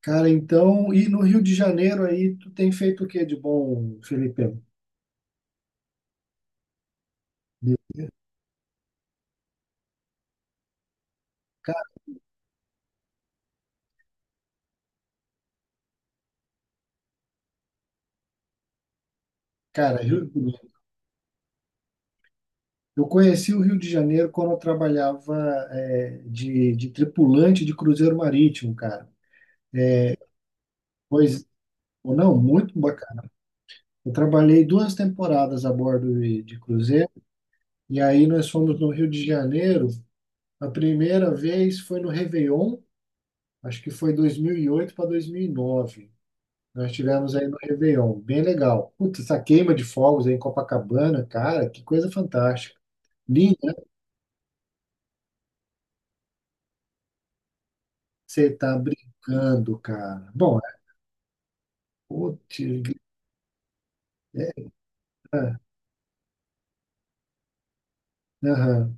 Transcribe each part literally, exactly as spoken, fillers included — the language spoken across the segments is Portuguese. Cara, então, e no Rio de Janeiro aí, tu tem feito o que de bom, Felipe? Ca- Cara, Rio- eu conheci o Rio de Janeiro quando eu trabalhava é, de, de tripulante de cruzeiro marítimo, cara. Pois, ou não, muito bacana. Eu trabalhei duas temporadas a bordo de, de cruzeiro, e aí nós fomos no Rio de Janeiro. A primeira vez foi no Réveillon, acho que foi dois mil e oito para dois mil e nove. Nós tivemos aí no Réveillon, bem legal. Putz, essa queima de fogos aí em Copacabana, cara, que coisa fantástica. Linda, né? Você tá brincando, cara. Bom, é, putz, é, ah, aham.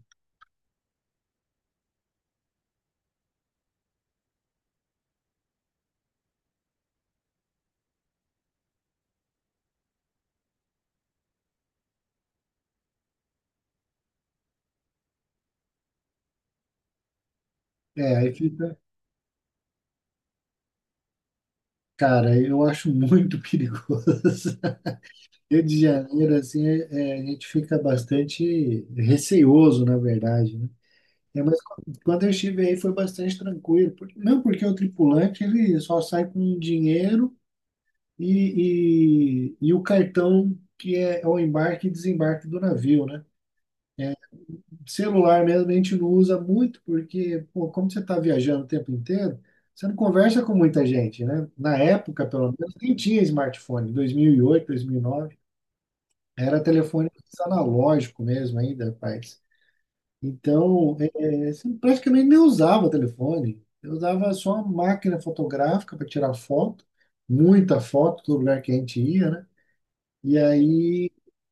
É, aí fica. Cara, eu acho muito perigoso. Rio de Janeiro, assim, é, é, a gente fica bastante receoso, na verdade, né? É, mas quando eu estive aí foi bastante tranquilo. Por- Não porque o tripulante ele só sai com dinheiro e, e, e o cartão que é é o embarque e desembarque do navio, né? É, Celular mesmo a gente não usa muito porque, pô, como você está viajando o tempo inteiro, você não conversa com muita gente, né? Na época, pelo menos, nem tinha smartphone, dois mil e oito, dois mil e nove, era telefone analógico mesmo ainda, rapaz. Então, é, você praticamente nem usava telefone, eu usava só uma máquina fotográfica para tirar foto, muita foto do lugar que a gente ia, né? E aí,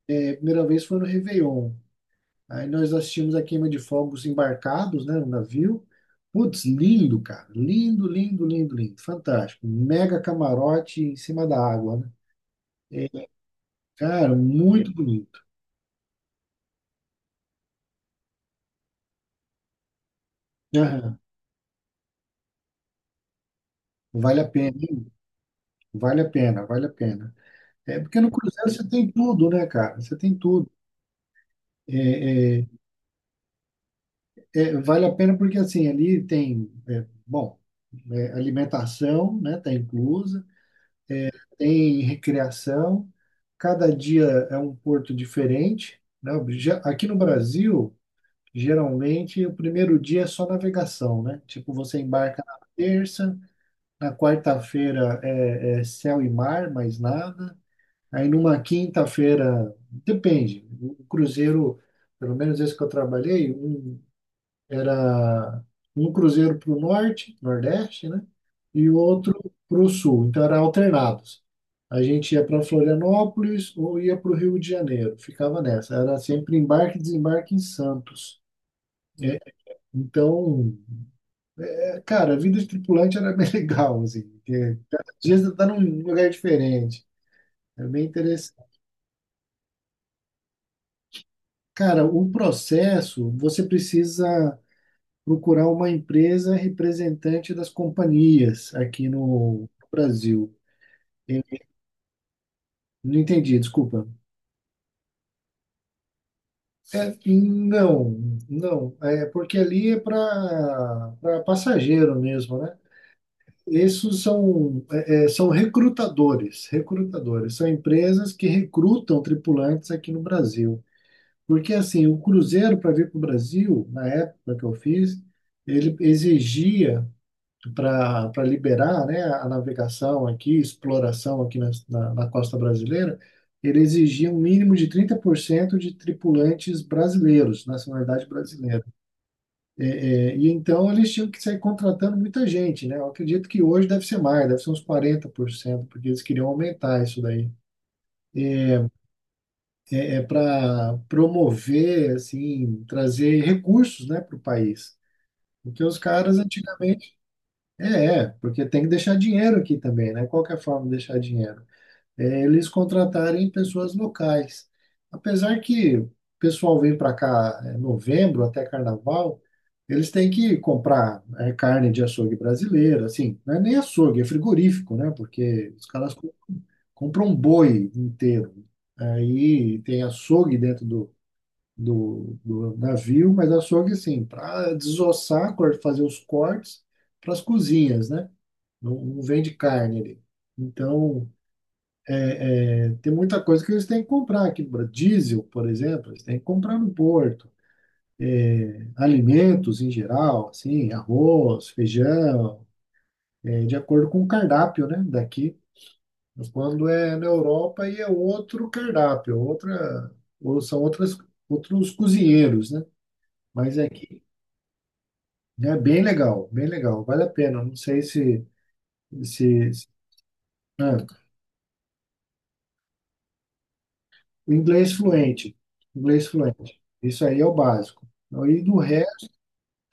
é, a primeira vez foi no Réveillon. Aí nós assistimos a queima de fogos embarcados, né, no navio. Putz, lindo, cara. Lindo, lindo, lindo, lindo. Fantástico. Mega camarote em cima da água, né? É, Cara, muito bonito. Aham. Vale a pena, hein? Vale a pena, vale a pena. É porque no cruzeiro você tem tudo, né, cara? Você tem tudo. É, é, é, Vale a pena porque assim ali tem, é, bom, é, alimentação, né, tá inclusa. Tem recreação, cada dia é um porto diferente, né? Já- Aqui no Brasil, geralmente o primeiro dia é só navegação, né? Tipo, você embarca na terça, na quarta-feira é, é céu e mar, mais nada. Aí numa quinta-feira, depende, o cruzeiro, pelo menos esse que eu trabalhei, um era um cruzeiro para o norte, nordeste, né? E o outro para o sul. Então era alternados. A gente ia para Florianópolis ou ia para o Rio de Janeiro. Ficava nessa. Era sempre embarque e desembarque em Santos. É, então, é, cara, a vida de tripulante era bem legal, assim, porque às vezes você tá num lugar diferente. É bem interessante. Cara, o processo, você precisa procurar uma empresa representante das companhias aqui no Brasil. Eu Não entendi, desculpa. É, não, não. É porque ali é para passageiro mesmo, né? Esses são, é, é, são recrutadores, recrutadores. São empresas que recrutam tripulantes aqui no Brasil. Porque, assim, o cruzeiro para vir para o Brasil, na época que eu fiz, ele exigia para liberar, né, a navegação aqui, exploração aqui na, na, na costa brasileira, ele exigia um mínimo de trinta por cento de tripulantes brasileiros, nacionalidade brasileira. É, é, e então eles tinham que sair contratando muita gente, né? Eu acredito que hoje deve ser mais, deve ser uns quarenta por cento, porque eles queriam aumentar isso daí. É, para promover, assim, trazer recursos, né, para o país. Porque os caras antigamente, É, é, porque tem que deixar dinheiro aqui também, né? Qual que é a forma de deixar dinheiro? É eles contratarem pessoas locais. Apesar que o pessoal vem para cá em novembro até carnaval, eles têm que comprar é, carne de açougue brasileira, assim, não é nem açougue, é frigorífico, né? Porque os caras com- compram um boi inteiro. Aí tem açougue dentro do, do, do navio, mas açougue, assim, para desossar, cor- fazer os cortes para as cozinhas, né? Não, não vende carne ali. Então, é, é, tem muita coisa que eles têm que comprar aqui no Brasil. Diesel, por exemplo, eles têm que comprar no Porto. Alimentos em geral, assim, arroz, feijão, é, de acordo com o cardápio, né, daqui. Quando é na Europa, aí é outro cardápio, outra, ou são outras, outros cozinheiros, né? Mas é aqui, é bem legal, bem legal, vale a pena. Não sei se, se, se- ah. O inglês fluente, inglês fluente. Isso aí é o básico. E do resto,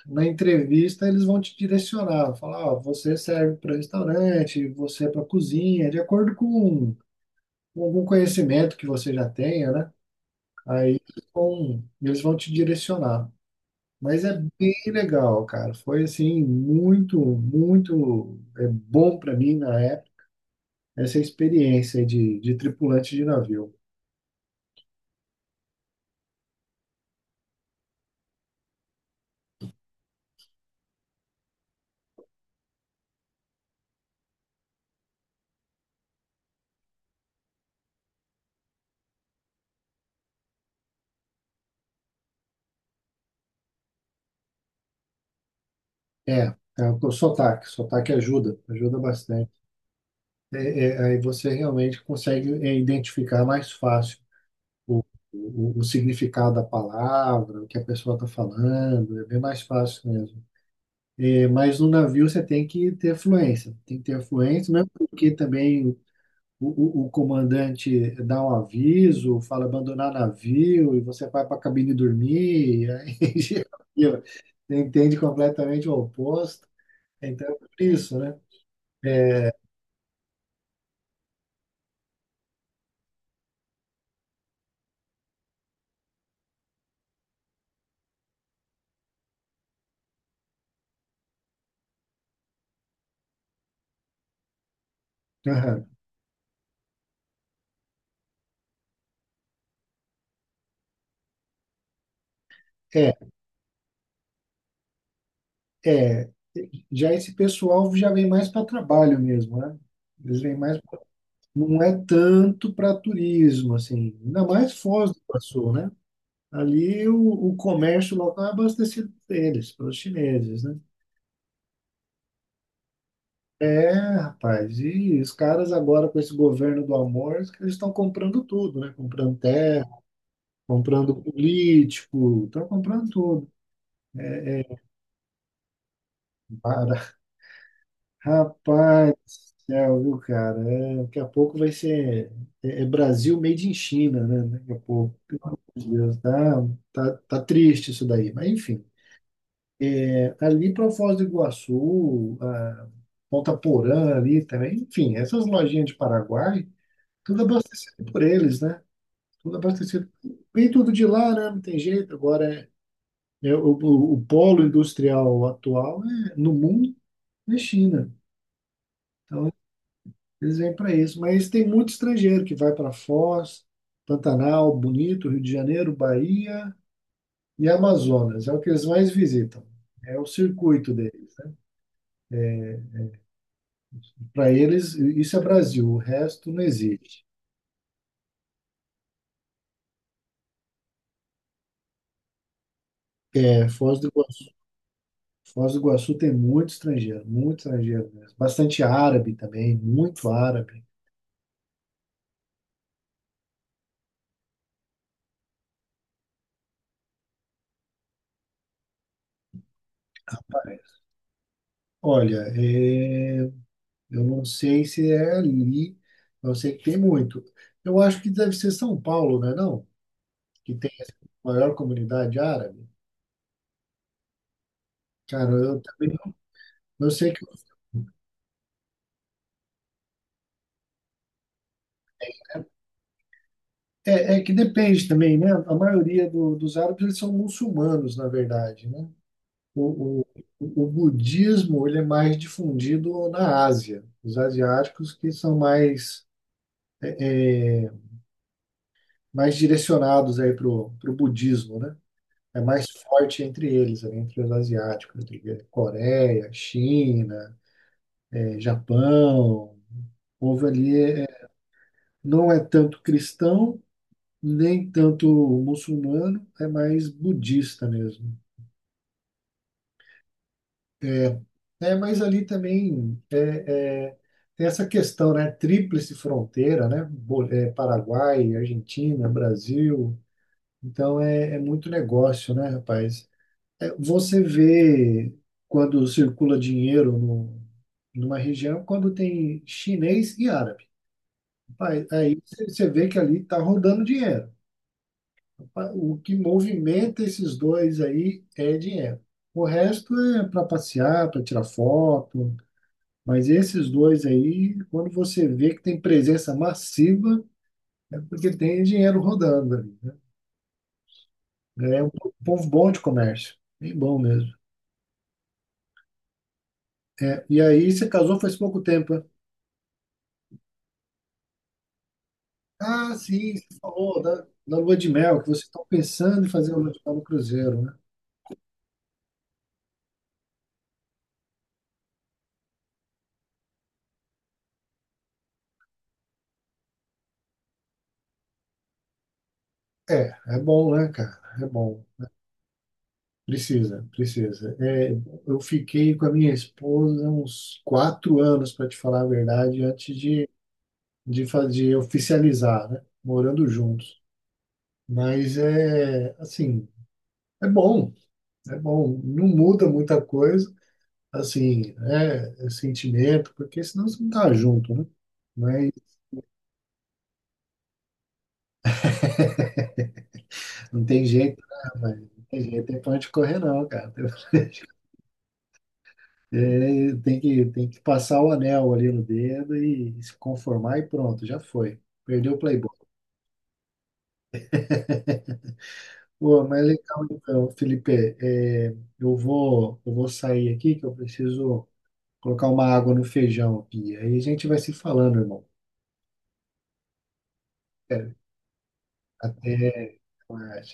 na entrevista, eles vão te direcionar, falar, ó, você serve para restaurante, você é para cozinha, de acordo com, com algum conhecimento que você já tenha, né? Aí eles vão eles vão te direcionar. Mas é bem legal, cara. Foi assim, muito, muito é bom para mim na época essa experiência de, de tripulante de navio. É, É o sotaque, sotaque ajuda, ajuda bastante. É, é, aí você realmente consegue é, identificar mais fácil o, o, o significado da palavra, o que a pessoa está falando, é bem mais fácil mesmo. É, mas no navio você tem que ter fluência, tem que ter fluência, mesmo porque também o, o, o comandante dá um aviso, fala abandonar navio, e você vai para a cabine dormir, e aí já viu, você entende completamente o oposto. Então, é por isso, né? Aham. É, É, Já esse pessoal já vem mais para trabalho mesmo, né? Eles vêm mais, pra- não é tanto para turismo, assim, ainda mais Foz do Iguaçu, né? Ali o, o comércio local é abastecido por eles, pelos chineses, né? É, Rapaz, e os caras agora com esse governo do amor, eles estão comprando tudo, né? Comprando terra, comprando político, estão comprando tudo. Rapaz do céu, viu, cara? É, daqui a pouco vai ser, é, é Brasil made in China, né? Daqui a pouco. Pelo amor de Deus, tá, tá, tá triste isso daí. Mas, enfim, é, ali para Foz do Iguaçu, a Ponta Porã ali também, enfim, essas lojinhas de Paraguai, tudo abastecido por eles, né? Tudo abastecido. Vem tudo de lá, né? Não tem jeito. Agora, é, é o, o o polo industrial atual é, no mundo é China. Então, eles vêm para isso, mas tem muito estrangeiro que vai para Foz, Pantanal, Bonito, Rio de Janeiro, Bahia e Amazonas. É o que eles mais visitam. É o circuito deles. Para eles, isso é Brasil, o resto não existe. É, Foz do Iguaçu. Foz do Iguaçu tem muito estrangeiro, muito estrangeiro mesmo. Bastante árabe também, muito árabe. Parece. Olha, é, eu não sei se é ali, eu sei que tem muito. Eu acho que deve ser São Paulo, né? Não? Que tem a maior comunidade árabe, cara, eu também eu sei que é, é que depende também, né? A maioria do- dos árabes eles são muçulmanos, na verdade, né? O, o, o budismo ele é mais difundido na Ásia, os asiáticos que são mais é, mais direcionados aí pro pro budismo, né? É mais forte entre eles, né? Entre os asiáticos, entre Coreia, China, eh, Japão. O povo ali é- não é tanto cristão, nem tanto muçulmano, é mais budista mesmo. É, mas ali também é, é, tem essa questão, né? Tríplice fronteira, né? Bo- é, Paraguai, Argentina, Brasil. Então é, é muito negócio, né, rapaz? É, você vê quando circula dinheiro no, numa região, quando tem chinês e árabe. Rapaz, aí você você vê que ali está rodando dinheiro. O que movimenta esses dois aí é dinheiro. O resto é para passear, para tirar foto, mas esses dois aí, quando você vê que tem presença massiva, é porque tem dinheiro rodando ali, né? É um po- povo bom de comércio, bem bom mesmo. É, e aí você casou faz pouco tempo, né? Ah, sim, você falou da, da lua de mel, que vocês estão pensando em fazer a lua de mel no cruzeiro, né? É, é bom, né, cara? É bom. Precisa, precisa. É, eu fiquei com a minha esposa uns quatro anos, para te falar a verdade, antes de, de fazer, oficializar, né? Morando juntos. Mas é, assim, é bom, é bom. Não muda muita coisa, assim, é, é sentimento, porque senão você não tá junto, né? Mas não tem jeito, né, velho? Não tem jeito, tem pra onde correr, não, cara. É, tem que, tem que passar o anel ali no dedo e se conformar e pronto, já foi. Perdeu o Playboy. Pô, mas legal então, Felipe. é, eu vou, eu vou sair aqui que eu preciso colocar uma água no feijão aqui. Aí a gente vai se falando, irmão. É, Até mais.